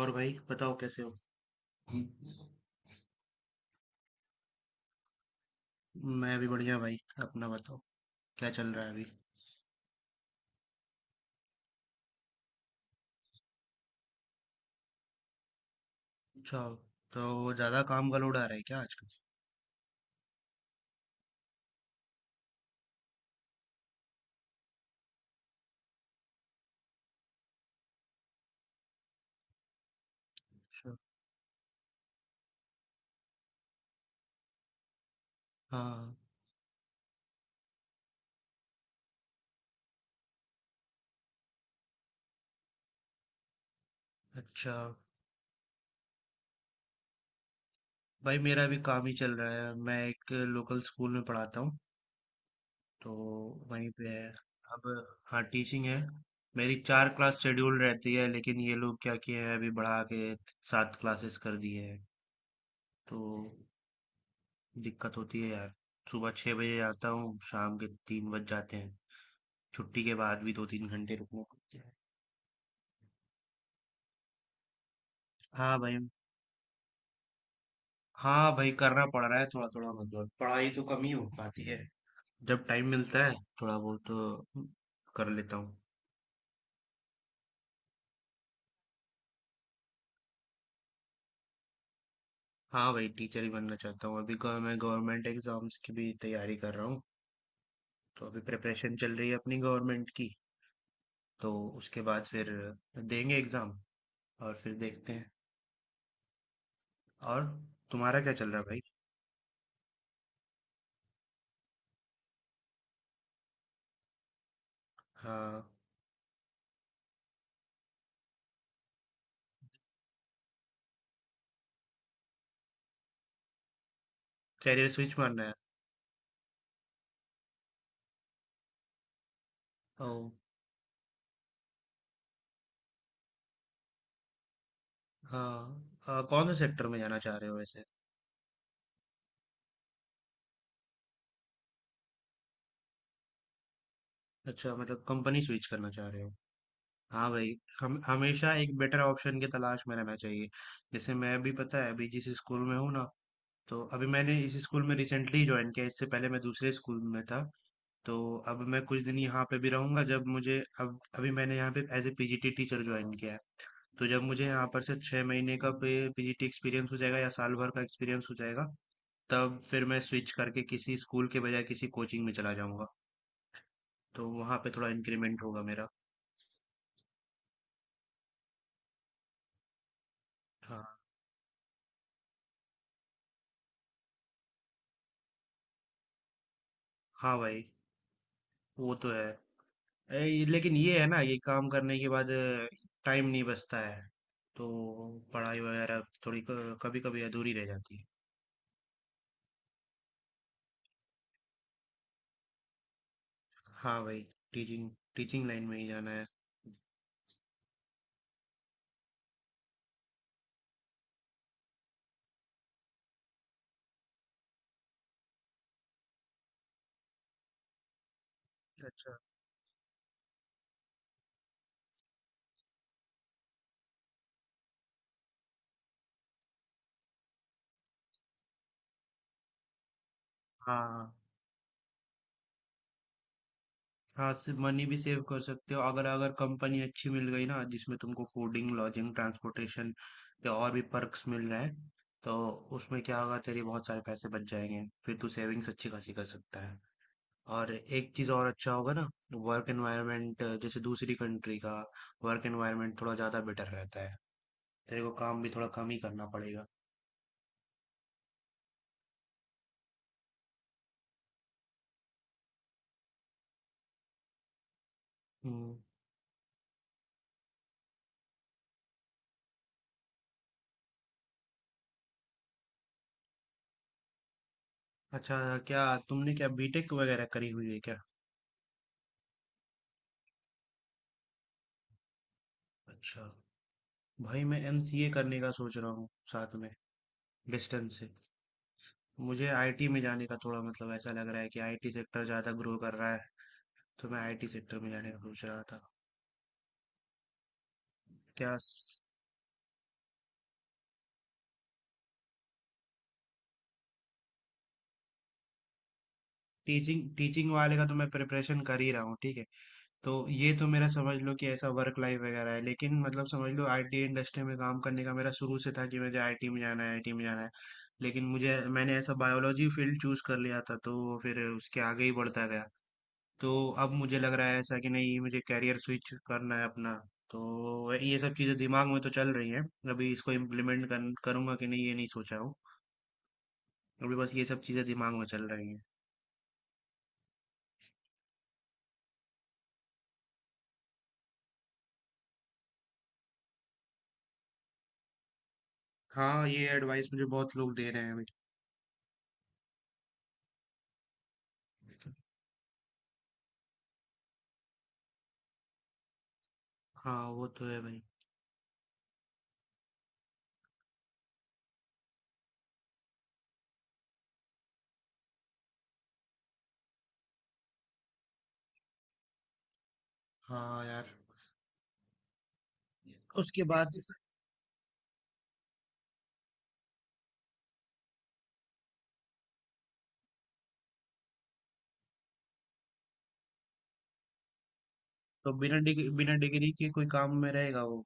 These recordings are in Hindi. और भाई बताओ कैसे हो। मैं भी बढ़िया भाई। अपना बताओ। क्या चल रहा है अभी। अच्छा। तो ज़्यादा काम का लोड आ रहा है क्या आजकल। अच्छा। हाँ। अच्छा। भाई मेरा भी काम ही चल रहा है, मैं एक लोकल स्कूल में पढ़ाता हूँ। तो वहीं पे है अब। हाँ, टीचिंग है। मेरी 4 क्लास शेड्यूल रहती है, लेकिन ये लोग क्या किए हैं अभी, बढ़ा के 7 क्लासेस कर दिए हैं। तो दिक्कत होती है यार। सुबह 6 बजे आता हूँ, शाम के 3 बज जाते हैं। छुट्टी के बाद भी 2-3 घंटे रुकना पड़ता है। हाँ भाई, हाँ भाई, करना पड़ रहा है थोड़ा-थोड़ा। मतलब पढ़ाई तो कम ही हो पाती है। जब टाइम मिलता है थोड़ा बहुत तो कर लेता हूँ। हाँ भाई, टीचर ही बनना चाहता हूँ। अभी मैं गवर्नमेंट एग्जाम्स की भी तैयारी कर रहा हूँ। तो अभी प्रिपरेशन चल रही है अपनी गवर्नमेंट की। तो उसके बाद फिर देंगे एग्जाम और फिर देखते हैं। और तुम्हारा क्या चल रहा है भाई? हाँ, कैरियर स्विच मारना है। ओ। हाँ, कौन से सेक्टर में जाना चाह रहे हो वैसे? अच्छा, मतलब कंपनी स्विच करना चाह रहे हो। हाँ भाई। हम हमेशा एक बेटर ऑप्शन की तलाश में रहना चाहिए। जैसे मैं भी, पता है अभी जिस स्कूल में हूँ ना, तो अभी मैंने इस स्कूल में रिसेंटली ज्वाइन किया, इससे पहले मैं दूसरे स्कूल में था। तो अब मैं कुछ दिन यहाँ पे भी रहूंगा। जब मुझे, अब अभी मैंने यहाँ पे as a PGT teacher join किया है, तो जब मुझे यहाँ पर से 6 महीने का पीजीटी एक्सपीरियंस हो जाएगा या साल भर का एक्सपीरियंस हो जाएगा, तब फिर मैं स्विच करके किसी स्कूल के बजाय किसी कोचिंग में चला जाऊंगा। तो वहाँ पे थोड़ा इंक्रीमेंट होगा मेरा। हाँ। हाँ भाई, वो तो है। लेकिन ये है ना, ये काम करने के बाद टाइम नहीं बचता है। तो पढ़ाई वगैरह थोड़ी कभी कभी अधूरी रह जाती है। हाँ भाई। टीचिंग टीचिंग लाइन में ही जाना है। अच्छा। हाँ। हाँ, सिर्फ मनी भी सेव कर सकते हो। अगर अगर कंपनी अच्छी मिल गई ना, जिसमें तुमको फूडिंग लॉजिंग ट्रांसपोर्टेशन या और भी पर्क्स मिल रहे हैं, तो उसमें क्या होगा, तेरे बहुत सारे पैसे बच जाएंगे, फिर तू सेविंग्स अच्छी खासी कर सकता है। और एक चीज़ और अच्छा होगा ना, वर्क एनवायरनमेंट। जैसे दूसरी कंट्री का वर्क एनवायरनमेंट थोड़ा ज़्यादा बेटर रहता है, तेरे को काम भी थोड़ा कम ही करना पड़ेगा। हम्म। अच्छा। क्या, तुमने क्या बीटेक वगैरह करी हुई है क्या? अच्छा। भाई मैं एमसीए करने का सोच रहा हूँ साथ में, डिस्टेंस से। मुझे आईटी में जाने का, थोड़ा मतलब ऐसा लग रहा है कि आईटी सेक्टर ज़्यादा ग्रो कर रहा है। तो मैं आईटी सेक्टर में जाने का सोच रहा था। क्या। टीचिंग टीचिंग वाले का तो मैं प्रिपरेशन कर ही रहा हूँ, ठीक है। तो ये तो मेरा समझ लो कि ऐसा वर्क लाइफ वगैरह है। लेकिन मतलब समझ लो, आईटी इंडस्ट्री में काम करने का मेरा शुरू से था कि मुझे आईटी में जाना है, आईटी में जाना है। लेकिन मुझे मैंने ऐसा बायोलॉजी फील्ड चूज कर लिया था, तो फिर उसके आगे ही बढ़ता गया। तो अब मुझे लग रहा है ऐसा कि नहीं, मुझे कैरियर स्विच करना है अपना। तो ये सब चीज़ें दिमाग में तो चल रही हैं। अभी इसको इम्प्लीमेंट करूंगा कि नहीं ये नहीं सोचा हूँ। अभी बस ये सब चीज़ें दिमाग में चल रही हैं। हाँ, ये एडवाइस मुझे बहुत लोग दे रहे हैं अभी। हाँ वो तो है भाई। हाँ यार। उसके बाद। तो बिना डिग्री के कोई काम में रहेगा वो?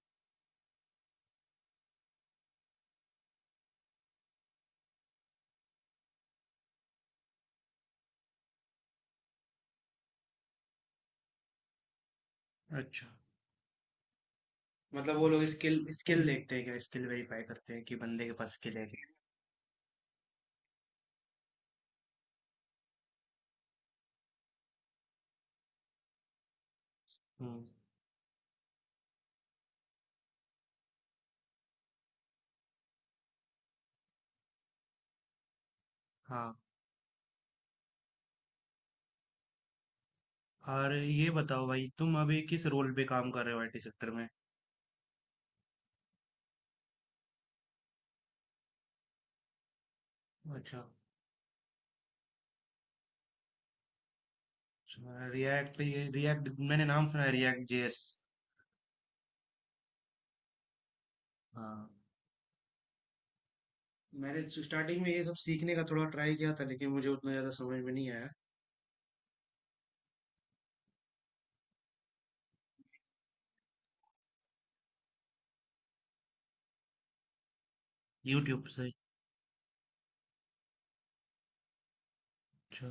अच्छा। मतलब वो लोग स्किल स्किल देखते हैं क्या, स्किल वेरीफाई करते हैं कि बंदे के पास स्किल है क्या? हम्म। हाँ। और ये बताओ भाई, तुम अभी किस रोल पे काम कर रहे हो आईटी सेक्टर में? अच्छा। रिएक्ट पे, ये रिएक्ट मैंने नाम सुना है, रिएक्ट जेएस। हाँ, मैंने स्टार्टिंग में ये सब सीखने का थोड़ा ट्राई किया था, लेकिन मुझे उतना ज्यादा समझ में नहीं आया। यूट्यूब से। अच्छा।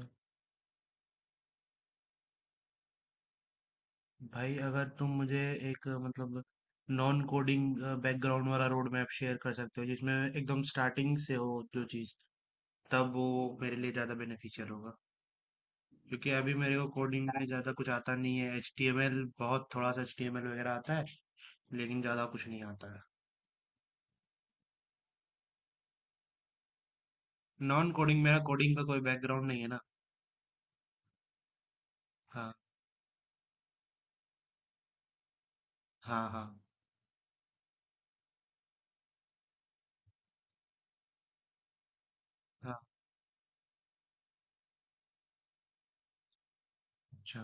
भाई अगर तुम मुझे एक मतलब नॉन कोडिंग बैकग्राउंड वाला रोड मैप शेयर कर सकते हो जिसमें एकदम स्टार्टिंग से हो जो चीज़, तब वो मेरे लिए ज़्यादा बेनिफिशियल होगा। क्योंकि अभी मेरे को कोडिंग में ज़्यादा कुछ आता नहीं है। एचटीएमएल, बहुत थोड़ा सा एचटीएमएल वगैरह आता है, लेकिन ज़्यादा कुछ नहीं आता है। नॉन कोडिंग, मेरा कोडिंग का कोई बैकग्राउंड नहीं है ना। हाँ। हाँ। हाँ। हाँ। अच्छा।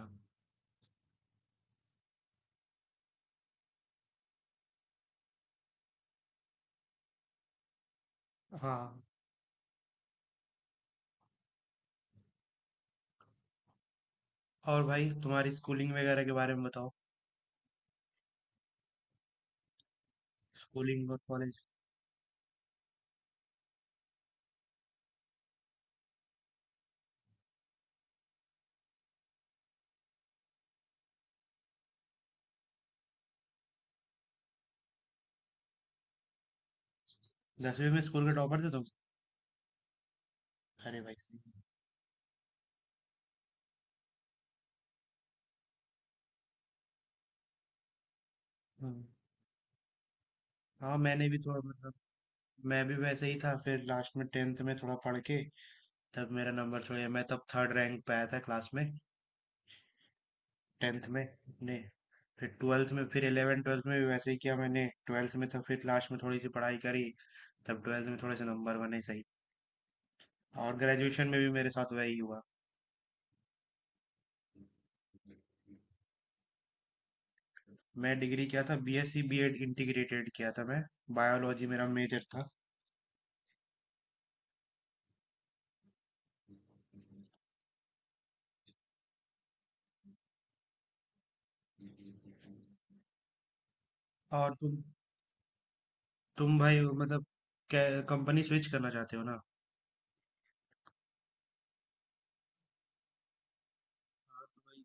हाँ। और भाई तुम्हारी स्कूलिंग वगैरह के बारे में बताओ। स्कूलिंग और कॉलेज। 10वीं में स्कूल के टॉपर थे तुम? अरे भाई सही। हाँ मैंने भी थोड़ा, मतलब मैं भी वैसे ही था। फिर लास्ट में 10th में थोड़ा पढ़ के, तब मेरा नंबर थोड़ा, मैं तब थर्ड रैंक पे आया था क्लास में, 10th में। ने, फिर 12th में, फिर 11 12th में भी वैसे ही किया मैंने। 12th में तो फिर लास्ट में थोड़ी सी पढ़ाई करी, तब 12th में थोड़े से नंबर बने सही। और ग्रेजुएशन में भी मेरे साथ वही हुआ। मैं डिग्री किया था, बीएससी बीएड इंटीग्रेटेड किया था मैं, बायोलॉजी मेरा मेजर था। और तुम भाई वो मतलब कंपनी स्विच करना चाहते हो ना? हाँ तो भाई,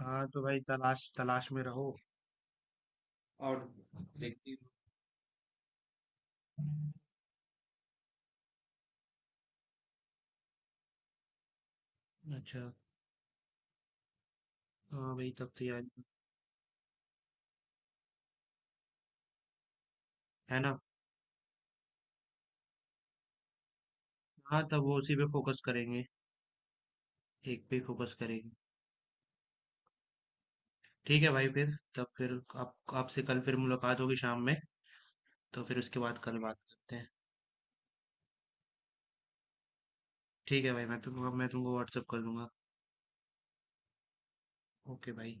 हाँ तो भाई, तलाश तलाश में रहो और देखते रहो। अच्छा। हाँ भाई, तब तो यार, है ना। हाँ, तब वो उसी पे फोकस करेंगे, एक पे फोकस करेंगे। ठीक है भाई, फिर तब फिर, आप आपसे कल फिर मुलाकात होगी शाम में, तो फिर उसके बाद कल बात करते हैं। ठीक है भाई, मैं तुमको व्हाट्सअप कर दूंगा। ओके भाई।